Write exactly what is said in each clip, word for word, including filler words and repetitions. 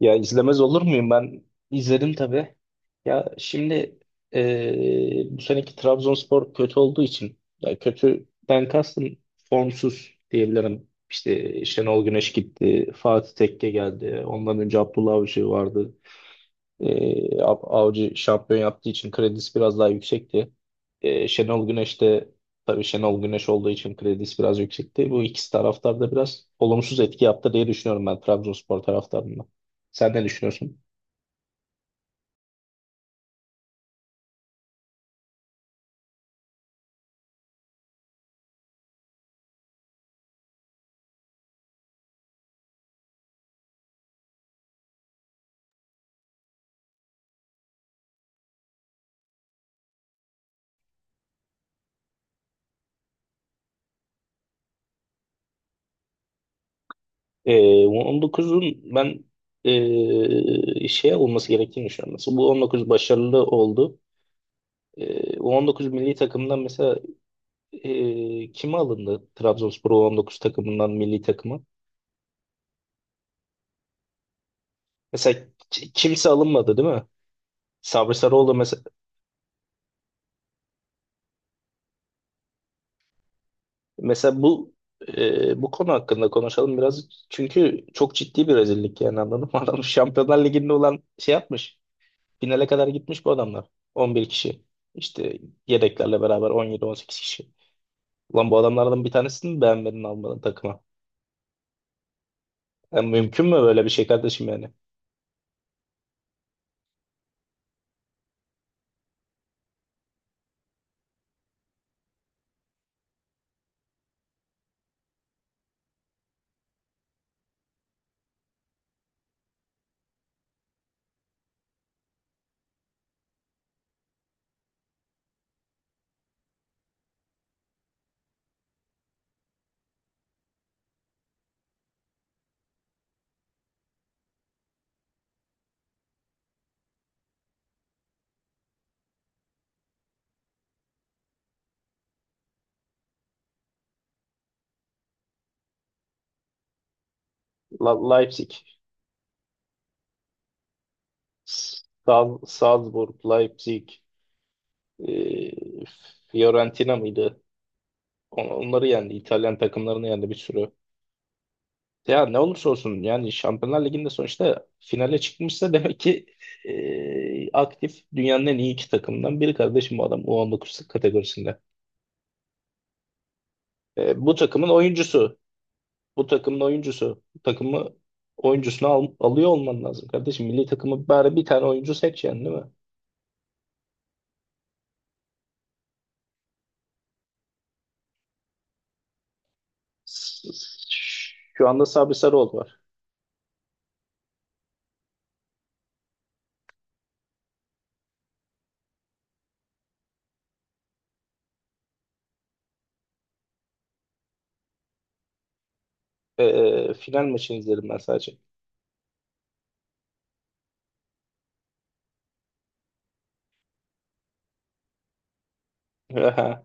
Ya izlemez olur muyum ben? İzledim tabii. Ya şimdi eee, bu seneki Trabzonspor kötü olduğu için ya kötüden kastım formsuz diyebilirim. İşte Şenol Güneş gitti, Fatih Tekke geldi. Ondan önce Abdullah Avcı vardı. E, Av- Avcı şampiyon yaptığı için kredisi biraz daha yüksekti. E, Şenol Güneş de tabii Şenol Güneş olduğu için kredisi biraz yüksekti. Bu ikisi taraftar da biraz olumsuz etki yaptı diye düşünüyorum ben Trabzonspor taraftarında. Sen ne düşünüyorsun? E, on dokuzun ben e, şey olması gerektiğini düşünüyorum. Mesela bu on dokuz başarılı oldu. E, u on dokuz milli takımdan mesela, e, kime alındı Trabzonspor u on dokuz takımından milli takıma? Mesela ki- kimse alınmadı değil mi? Sabri Sarıoğlu mesela, mesela bu e, bu konu hakkında konuşalım biraz. Çünkü çok ciddi bir rezillik yani, anladın mı? Adam Şampiyonlar Ligi'nde olan şey yapmış. Finale kadar gitmiş bu adamlar. On bir kişi. İşte yedeklerle beraber on yedi on sekiz kişi. Ulan bu adamlardan bir tanesini mi beğenmedin, almadın takıma? Yani mümkün mü böyle bir şey kardeşim yani? La- Leipzig, Sal- Salzburg, Leipzig, e, Fiorentina mıydı? On- Onları yendi. İtalyan takımlarını yendi bir sürü. Ya ne olursa olsun, yani Şampiyonlar Ligi'nde sonuçta finale çıkmışsa demek ki e, aktif dünyanın en iyi iki takımından biri kardeşim bu adam u on dokuz kategorisinde. E, bu takımın oyuncusu, bu takımın oyuncusu, bu takımı oyuncusunu al- alıyor olman lazım kardeşim. Milli takımı bari bir tane oyuncu seç yani, değil mi? S- s- Şu anda Sabri Sarıoğlu var. E, final maçını izledim ben sadece. Aha,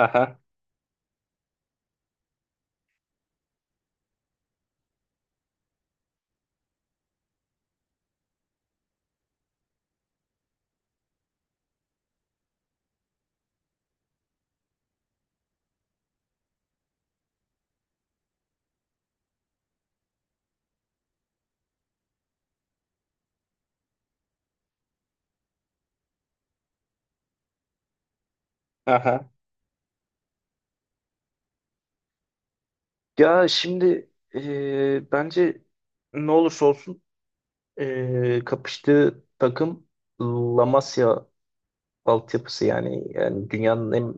aha, aha. Ya şimdi, e, bence ne olursa olsun, Ee, kapıştığı takım La Masia altyapısı, yani yani dünyanın en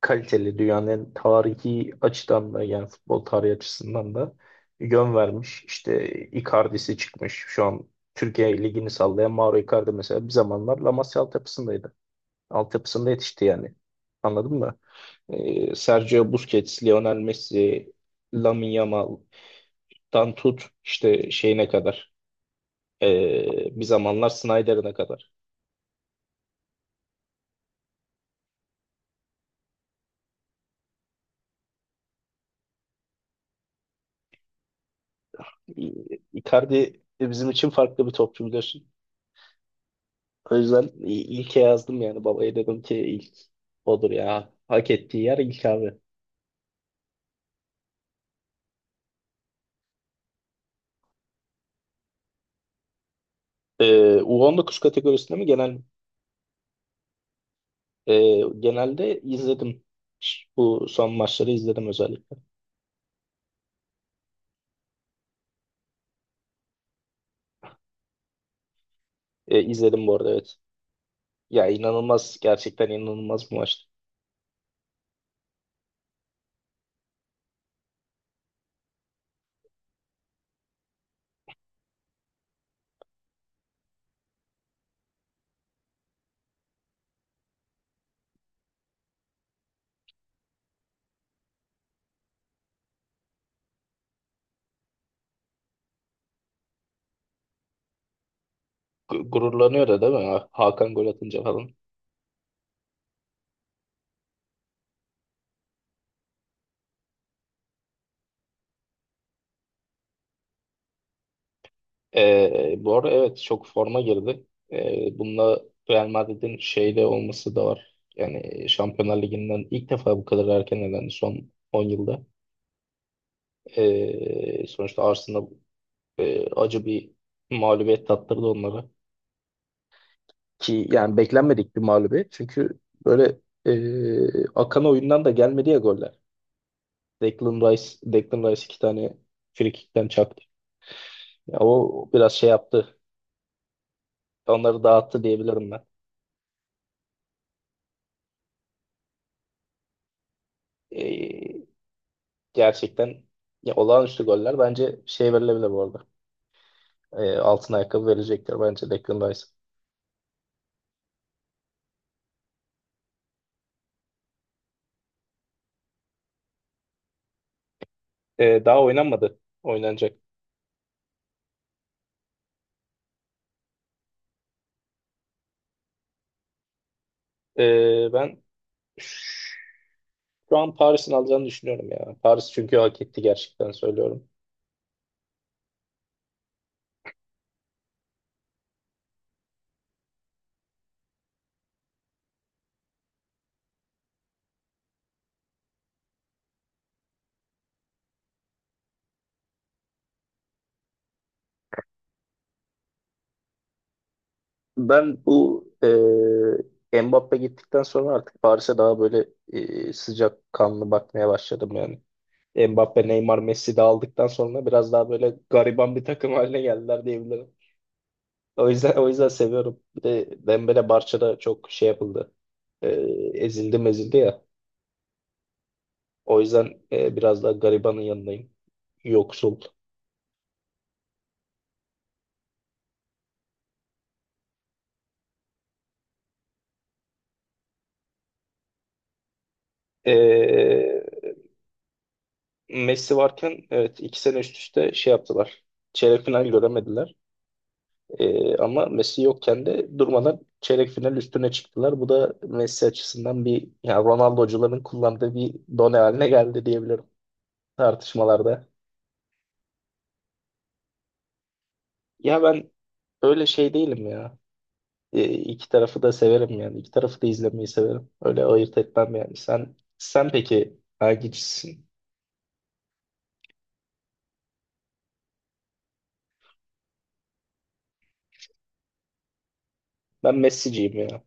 kaliteli, dünyanın en tarihi açıdan da, yani futbol tarihi açısından da yön vermiş. İşte Icardi'si çıkmış. Şu an Türkiye ligini sallayan Mauro Icardi mesela bir zamanlar La Masia altyapısındaydı. Altyapısında yetişti yani. Anladın mı? Ee, Sergio Busquets, Lionel Messi, Lamine Yamal'dan tut işte şeyine kadar, Ee, bir zamanlar Snyder'ına kadar. Icardi bizim için farklı bir topçu, biliyorsun. O yüzden i- ilke yazdım yani, babaya dedim ki ilk odur ya. Hak ettiği yer ilk, abi. Ee, u on dokuz kategorisinde mi, genel mi? Ee, genelde izledim. Ş- Bu son maçları izledim özellikle. Ee, izledim bu arada, evet. Ya inanılmaz, gerçekten inanılmaz bir maçtı. Gu- Gururlanıyor da, değil mi? Ha- Hakan gol atınca falan. Ee, bu arada evet, çok forma girdi. Ee, bununla Real Madrid'in şeyde olması da var. Yani Şampiyonlar Ligi'nden ilk defa bu kadar erken elendi son on yılda. Ee, sonuçta Arsenal e, acı bir mağlubiyet tattırdı onlara. Ki yani beklenmedik bir mağlubiyet. Çünkü böyle e, akan oyundan da gelmedi ya goller. Declan Rice, Declan Rice iki tane frikikten. Ya o biraz şey yaptı. Onları dağıttı diyebilirim ben. Ee, Gerçekten ya olağanüstü goller, bence şey verilebilir bu arada. Ee, altın ayakkabı verecektir bence Declan Rice. Ee, daha oynanmadı. Oynanacak. Ee, ben şu an Paris'in alacağını düşünüyorum ya. Paris çünkü hak etti, gerçekten söylüyorum. Ben bu e, Mbappe gittikten sonra artık Paris'e daha böyle e, sıcak kanlı bakmaya başladım yani. Mbappe, Neymar, Messi de aldıktan sonra biraz daha böyle gariban bir takım haline geldiler diyebilirim. O yüzden o yüzden seviyorum. Bir de Dembele Barça'da çok şey yapıldı. Ee, Ezildi mezildi ya. O yüzden e, biraz daha garibanın yanındayım. Yoksul. Ee, Messi varken evet, iki sene üst üste şey yaptılar. Çeyrek final göremediler. Ee, ama Messi yokken de durmadan çeyrek final üstüne çıktılar. Bu da Messi açısından bir, yani Ronaldo'cuların kullandığı bir done haline geldi diyebilirim tartışmalarda. Ya ben öyle şey değilim ya. E, iki tarafı da severim yani. İki tarafı da izlemeyi severim. Öyle ayırt etmem yani. Sen sen peki hangisisin? Ben Messi'ciyim ya.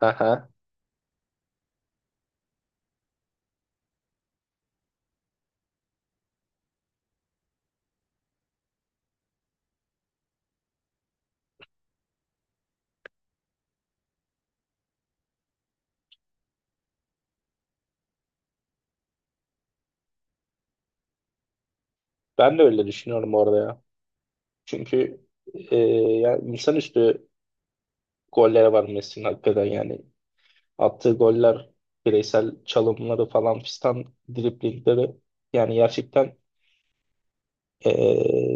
Aha. Ben de öyle düşünüyorum orada ya. Çünkü e, ya insanüstü gollere var Messi'nin, hakikaten yani. Attığı goller, bireysel çalımları falan fistan, driblingleri, yani gerçekten e,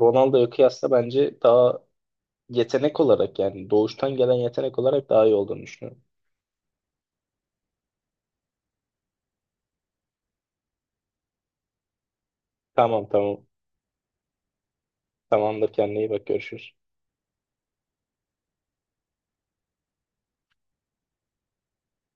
Ronaldo'ya kıyasla bence daha yetenek olarak, yani doğuştan gelen yetenek olarak daha iyi olduğunu düşünüyorum. Tamam tamam. Tamamdır, kendine iyi bak, görüşürüz.